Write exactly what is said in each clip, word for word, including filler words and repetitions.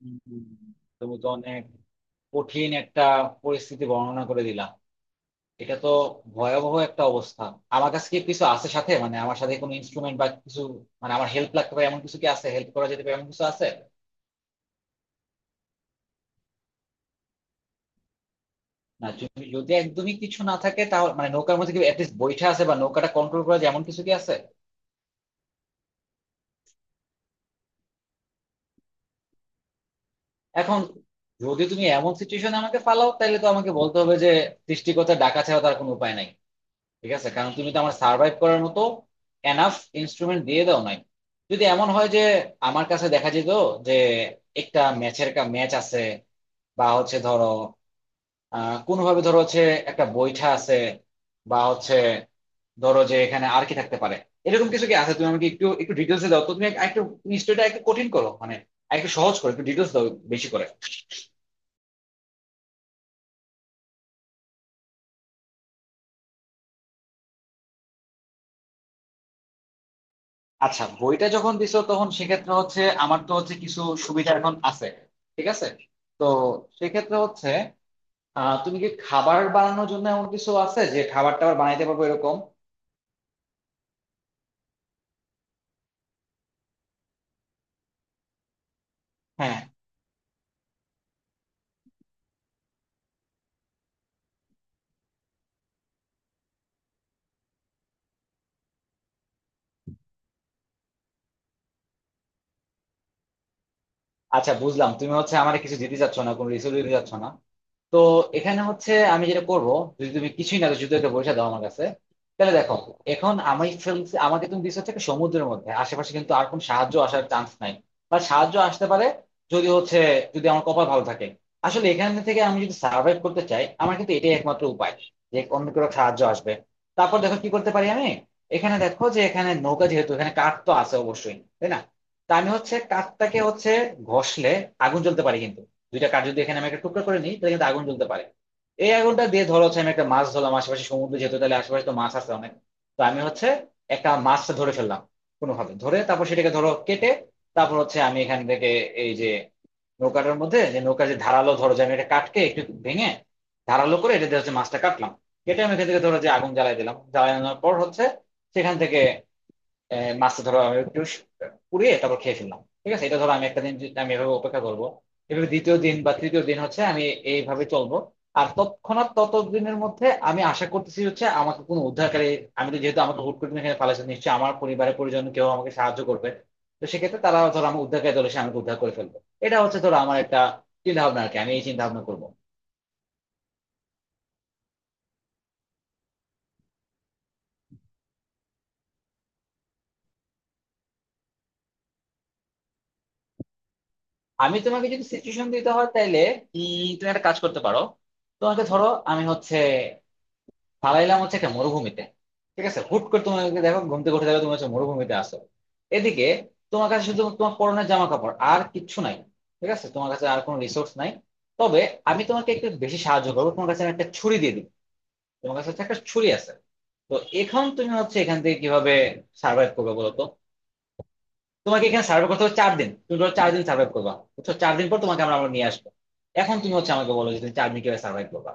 হুম, তুমি তো অনেক কঠিন একটা পরিস্থিতি বর্ণনা করে দিলা। এটা তো ভয়াবহ একটা অবস্থা। আমার কাছে কি কিছু আছে সাথে? মানে আমার সাথে কোনো ইনস্ট্রুমেন্ট বা কিছু, মানে আমার হেল্প লাগতে পারে এমন কিছু কি আছে, হেল্প করা যেতে পারে এমন কিছু আছে? না, যদি যদি একদমই কিছু না থাকে, তাহলে মানে নৌকার মধ্যে কি অ্যাটলিস্ট বৈঠা আছে, বা নৌকাটা কন্ট্রোল করা যায় এমন কিছু কি আছে? এখন যদি তুমি এমন সিচুয়েশনে আমাকে ফালাও, তাহলে তো আমাকে বলতে হবে যে সৃষ্টিকর্তা ডাকা ছাড়া তার কোনো উপায় নাই। ঠিক আছে, কারণ তুমি তো আমার সার্ভাইভ করার মতো এনাফ ইনস্ট্রুমেন্ট দিয়ে দাও নাই। যদি এমন হয় যে আমার কাছে দেখা যেত যে একটা ম্যাচের কা ম্যাচ আছে, বা হচ্ছে ধরো আহ কোনোভাবে ধরো হচ্ছে একটা বৈঠা আছে, বা হচ্ছে ধরো, যে এখানে আর কি থাকতে পারে এরকম কিছু কি আছে? তুমি আমাকে একটু একটু ডিটেলসে দাও তো, তুমি একটু স্টোরিটা একটু কঠিন করো, মানে একটু সহজ করো, একটু ডিটেলস দাও বেশি করে। আচ্ছা, বইটা যখন দিছো, তখন সেক্ষেত্রে হচ্ছে আমার তো হচ্ছে কিছু সুবিধা এখন আছে। ঠিক আছে। তো সেক্ষেত্রে হচ্ছে, আহ, তুমি কি খাবার বানানোর জন্য এমন কিছু আছে যে খাবার টাবার বানাইতে পারবো এরকম? হ্যাঁ। আচ্ছা, বুঝলাম তুমি হচ্ছে আমার কিছু দিতে চাচ্ছ না, কোনো রিসোর্স দিতে চাচ্ছ না। তো এখানে হচ্ছে আমি যেটা করব, যদি তুমি কিছুই না, যদি এটা বসে দাও আমার কাছে, তাহলে দেখো, এখন আমি ফেলছি, আমাকে তুমি দিচ্ছ হচ্ছে একটা সমুদ্রের মধ্যে, আশেপাশে কিন্তু আর কোন সাহায্য আসার চান্স নাই, বা সাহায্য আসতে পারে যদি হচ্ছে, যদি আমার কপাল ভালো থাকে। আসলে এখান থেকে আমি যদি সার্ভাইভ করতে চাই, আমার কিন্তু এটাই একমাত্র উপায়, যে অন্য কোনো সাহায্য আসবে। তারপর দেখো কি করতে পারি আমি। এখানে দেখো যে এখানে নৌকা যেহেতু, এখানে কাঠ তো আছে অবশ্যই, তাই না? তা আমি হচ্ছে কাঠটাকে হচ্ছে ঘষলে আগুন জ্বলতে পারি। কিন্তু দুইটা কাঠ যদি এখানে আমি একটা টুকরা করে নিই, তাহলে কিন্তু আগুন জ্বলতে পারে। এই আগুনটা দিয়ে ধরো হচ্ছে আমি একটা মাছ ধরলাম, আশেপাশে সমুদ্র যেহেতু, তাহলে আশেপাশে তো মাছ আছে অনেক। তো আমি হচ্ছে একটা মাছ ধরে ফেললাম কোনোভাবে ধরে, তারপর সেটাকে ধরো কেটে, তারপর হচ্ছে আমি এখান থেকে, এই যে নৌকাটার মধ্যে যে নৌকার যে ধারালো, ধরো যে আমি এটা কাটকে একটু ভেঙে ধারালো করে, এটা দিয়ে হচ্ছে মাছটা কাটলাম। কেটে আমি এখান থেকে ধরো যে আগুন জ্বালাই দিলাম, জ্বালানোর পর হচ্ছে সেখান থেকে, আহ, মাছটা ধরো আমি একটু পুড়িয়ে তারপর খেয়ে ফেললাম। ঠিক আছে, এটা ধরো আমি একটা দিন যে- আমি এভাবে অপেক্ষা করব। এভাবে দ্বিতীয় দিন বা তৃতীয় দিন হচ্ছে আমি এইভাবে চলবো। আর তৎক্ষণাৎ ততদিনের মধ্যে আমি আশা করতেছি হচ্ছে আমাকে কোনো উদ্ধারকারী, আমি তো যেহেতু, আমাকে হুট করে তুমি এখানে পালাইছো, নিশ্চয়ই আমার পরিবারের পরিজন কেউ আমাকে সাহায্য করবে। তো সেক্ষেত্রে তারা ধরো আমার উদ্ধারকারী দল এসে আমাকে উদ্ধার করে ফেলবে। এটা হচ্ছে ধরো আমার একটা চিন্তা ভাবনা আর কি, আমি এই চিন্তা ভাবনা করবো। আমি তোমাকে যদি সিচুয়েশন দিতে হয় তাইলে, উম, তুমি একটা কাজ করতে পারো। তোমাকে ধরো আমি হচ্ছে পালাইলাম হচ্ছে একটা মরুভূমিতে। ঠিক আছে, হুট করে তোমাকে, দেখো ঘুম থেকে উঠে দেখো তুমি হচ্ছে মরুভূমিতে আসো এদিকে। তোমার কাছে শুধু তোমার পরনের জামা কাপড়, আর কিচ্ছু নাই। ঠিক আছে, তোমার কাছে আর কোনো রিসোর্স নাই। তবে আমি তোমাকে একটু বেশি সাহায্য করবো, তোমার কাছে আমি একটা ছুরি দিয়ে দিই। তোমার কাছে হচ্ছে একটা ছুরি আছে। তো এখন তুমি হচ্ছে এখান থেকে কিভাবে সার্ভাইভ করবে বলো তো? তোমাকে এখানে সার্ভাইভ করতে হবে চার দিন। তুমি ধরো চার দিন সার্ভাইভ করবা, বুঝছো? চার দিন পর তোমাকে আমরা আমরা নিয়ে আসবো। এখন তুমি হচ্ছে আমাকে বলো যে তুমি চার দিন কিভাবে সার্ভাইভ করবা।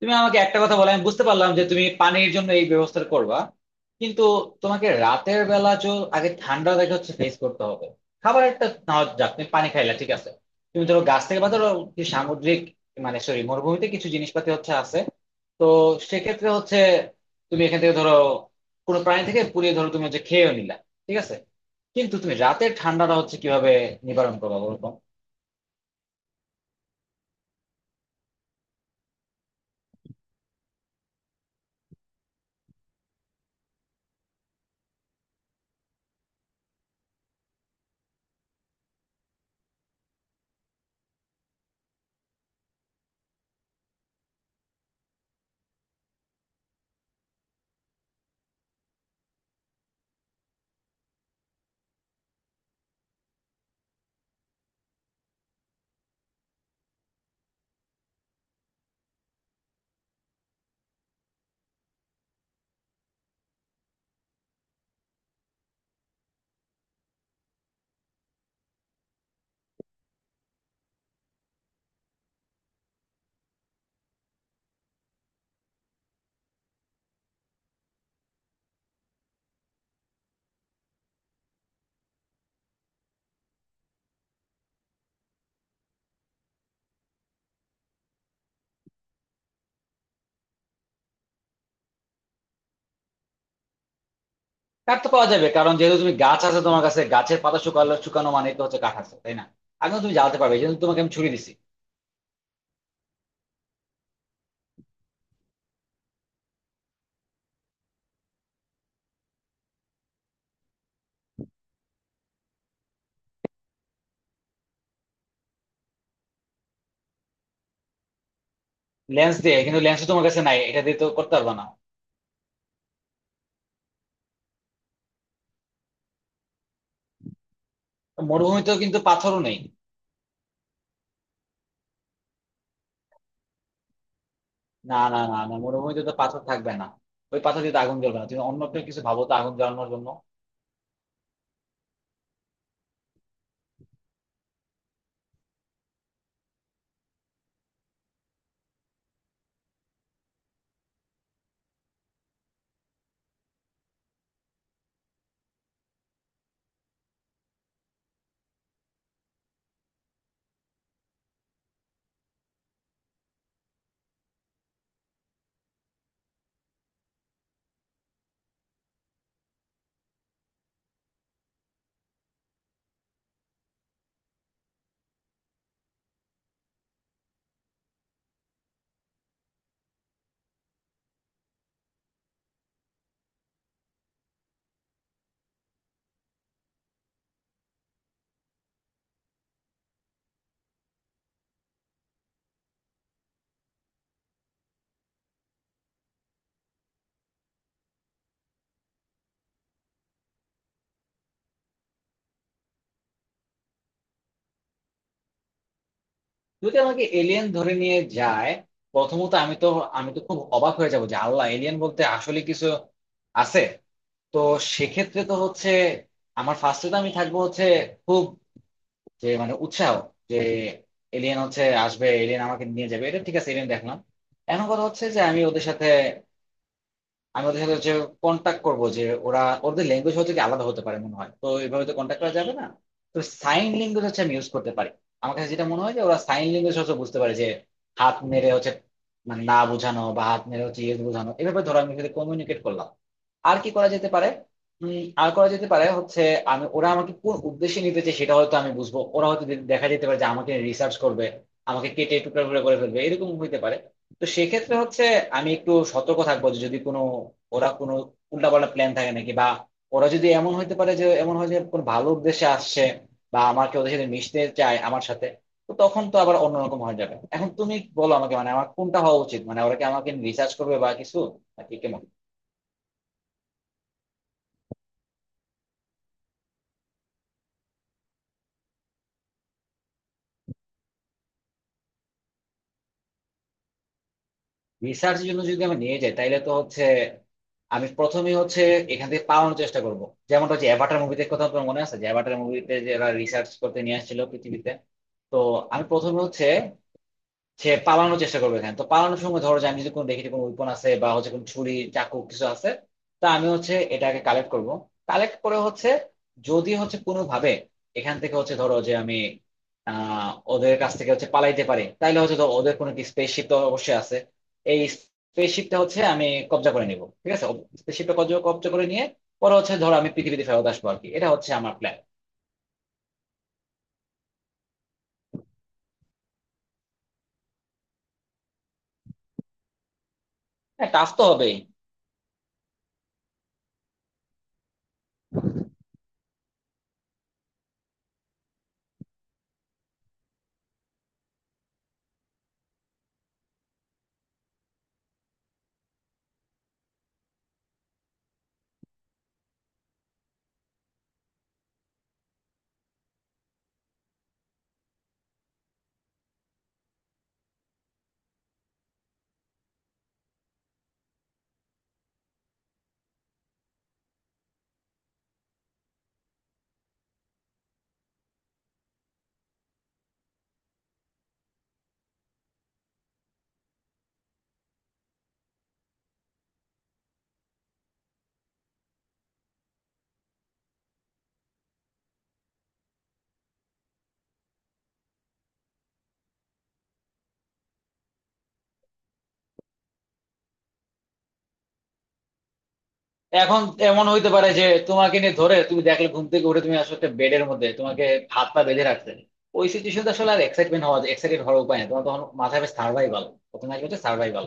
তুমি আমাকে একটা কথা বলো, আমি বুঝতে পারলাম যে তুমি পানির জন্য এই ব্যবস্থা করবা, কিন্তু তোমাকে রাতের বেলা চো আগে ঠান্ডা দেখে হচ্ছে ফেস করতে হবে। খাবার একটা না হয় যাক, তুমি পানি খাইলা, ঠিক আছে। তুমি ধরো গাছ থেকে বা ধরো কি সামুদ্রিক, মানে সরি মরুভূমিতে কিছু জিনিসপাতি হচ্ছে আছে। তো সেক্ষেত্রে হচ্ছে তুমি এখান থেকে ধরো কোনো প্রাণী থেকে পুড়িয়ে ধরো তুমি হচ্ছে খেয়েও নিলা, ঠিক আছে। কিন্তু তুমি রাতের ঠান্ডাটা হচ্ছে কিভাবে নিবারণ করবো বলো? কাঠ তো পাওয়া যাবে, কারণ যেহেতু তুমি গাছ আছে তোমার কাছে, গাছের পাতা শুকালো শুকানো মানে তো হচ্ছে কাঠ আছে, তাই না? আগে তুমি জ্বালাতে পারবে, কিন্তু তোমাকে আমি ছুরি দিছি। লেন্স দিয়ে, কিন্তু লেন্স তোমার কাছে নাই, এটা দিয়ে তো করতে পারবে না। মরুভূমিতেও কিন্তু পাথরও নেই। না না না না, মরুভূমিতে তো পাথর থাকবে না। ওই পাথর দিয়ে তো আগুন জ্বলবে না, তুমি অন্য একটা কিছু ভাবো তো আগুন জ্বালানোর জন্য। যদি আমাকে এলিয়েন ধরে নিয়ে যায়, প্রথমত আমি তো, আমি তো খুব অবাক হয়ে যাবো যে আল্লাহ এলিয়েন বলতে আসলে কিছু আছে। তো সেক্ষেত্রে তো হচ্ছে আমার ফার্স্টে তো আমি থাকবো হচ্ছে খুব, যে মানে উৎসাহ, যে এলিয়েন হচ্ছে আসবে, এলিয়েন আমাকে নিয়ে যাবে, এটা ঠিক আছে, এলিয়েন দেখলাম। এখন কথা হচ্ছে যে আমি ওদের সাথে আমি ওদের সাথে হচ্ছে কন্ট্যাক্ট করব যে, ওরা ওদের ল্যাঙ্গুয়েজ হচ্ছে কি আলাদা হতে পারে মনে হয়, তো এইভাবে তো কন্ট্যাক্ট করা যাবে না। তো সাইন ল্যাঙ্গুয়েজ হচ্ছে আমি ইউজ করতে পারি। আমার কাছে যেটা মনে হয় যে ওরা সাইন ল্যাঙ্গুয়েজ হচ্ছে বুঝতে পারে, যে হাত মেরে হচ্ছে, মানে না বোঝানো, বা হাত মেরে হচ্ছে ইয়ে বোঝানো, এভাবে ধরো আমি সাথে কমিউনিকেট করলাম। আর কি করা যেতে পারে? উম, আর করা যেতে পারে হচ্ছে, আমি ওরা আমাকে কোন উদ্দেশ্যে নিতে চায় সেটা হয়তো আমি বুঝবো। ওরা হয়তো দে- দেখা যেতে পারে যে আমাকে রিসার্চ করবে, আমাকে কেটে টুকরা টুকরা করে ফেলবে, এরকম হইতে পারে। তো সেক্ষেত্রে হচ্ছে আমি একটু সতর্ক থাকবো, যে যদি কোনো, ওরা কোনো উল্টাপাল্টা প্ল্যান থাকে নাকি, বা ওরা যদি এমন হইতে পারে যে এমন হয় যে কোনো ভালো উদ্দেশ্যে আসছে, বা আমাকে ওদের সাথে মিশতে চায় আমার সাথে। তো তখন তো আবার অন্যরকম হয়ে যাবে। এখন তুমি বলো আমাকে, মানে আমার কোনটা হওয়া উচিত, মানে ওরা কি আমাকে রিসার্চ করবে বা কিছু, নাকি কেমন? রিসার্চ জন্য যদি আমি নিয়ে যাই, তাইলে তো হচ্ছে আমি প্রথমেই হচ্ছে এখান থেকে পালানোর চেষ্টা করব। যেমন হচ্ছে অ্যাভাটার মুভিতে কথা আপনার মনে আছে, যে অ্যাভাটার মুভিতে যারা রিসার্চ করতে নিয়ে আসছিল পৃথিবীতে। তো আমি প্রথমে হচ্ছে সে পালানোর চেষ্টা করবে। এখানে তো পালানোর সময় ধরো যে আমি যদি কোনো দেখি যে কোনো উইপন আছে, বা হচ্ছে কোনো ছুরি চাকু কিছু আছে, তা আমি হচ্ছে এটাকে কালেক্ট করব। কালেক্ট করে হচ্ছে যদি হচ্ছে কোনো ভাবে এখান থেকে হচ্ছে ধরো যে আমি, আহ ওদের কাছ থেকে হচ্ছে পালাইতে পারি, তাইলে হচ্ছে ধরো ওদের কোনো স্পেসশিপ তো অবশ্যই আছে। এই স্পেসশিপটা হচ্ছে আমি কবজা করে নিব, ঠিক আছে। স্পেসশিপটা কবজা কবজা করে নিয়ে পরে হচ্ছে ধরো আমি পৃথিবীতে ফেরত আসবো আর কি, এটা হচ্ছে আমার প্ল্যান। হ্যাঁ, টাফ তো হবেই। এখন এমন হইতে পারে যে তোমাকে নিয়ে ধরে তুমি দেখলে ঘুম থেকে উঠে তুমি আসলে একটা বেডের মধ্যে তোমাকে হাত পা বেঁধে রাখতে। ওই সিচুয়েশন আসলে আর এক্সাইটমেন্ট হওয়া, এক্সাইটেড হওয়ার উপায় নেই। তোমার তখন মাথায় সার্ভাইভাল প্রথমে আসবে, হচ্ছে সার্ভাইভাল।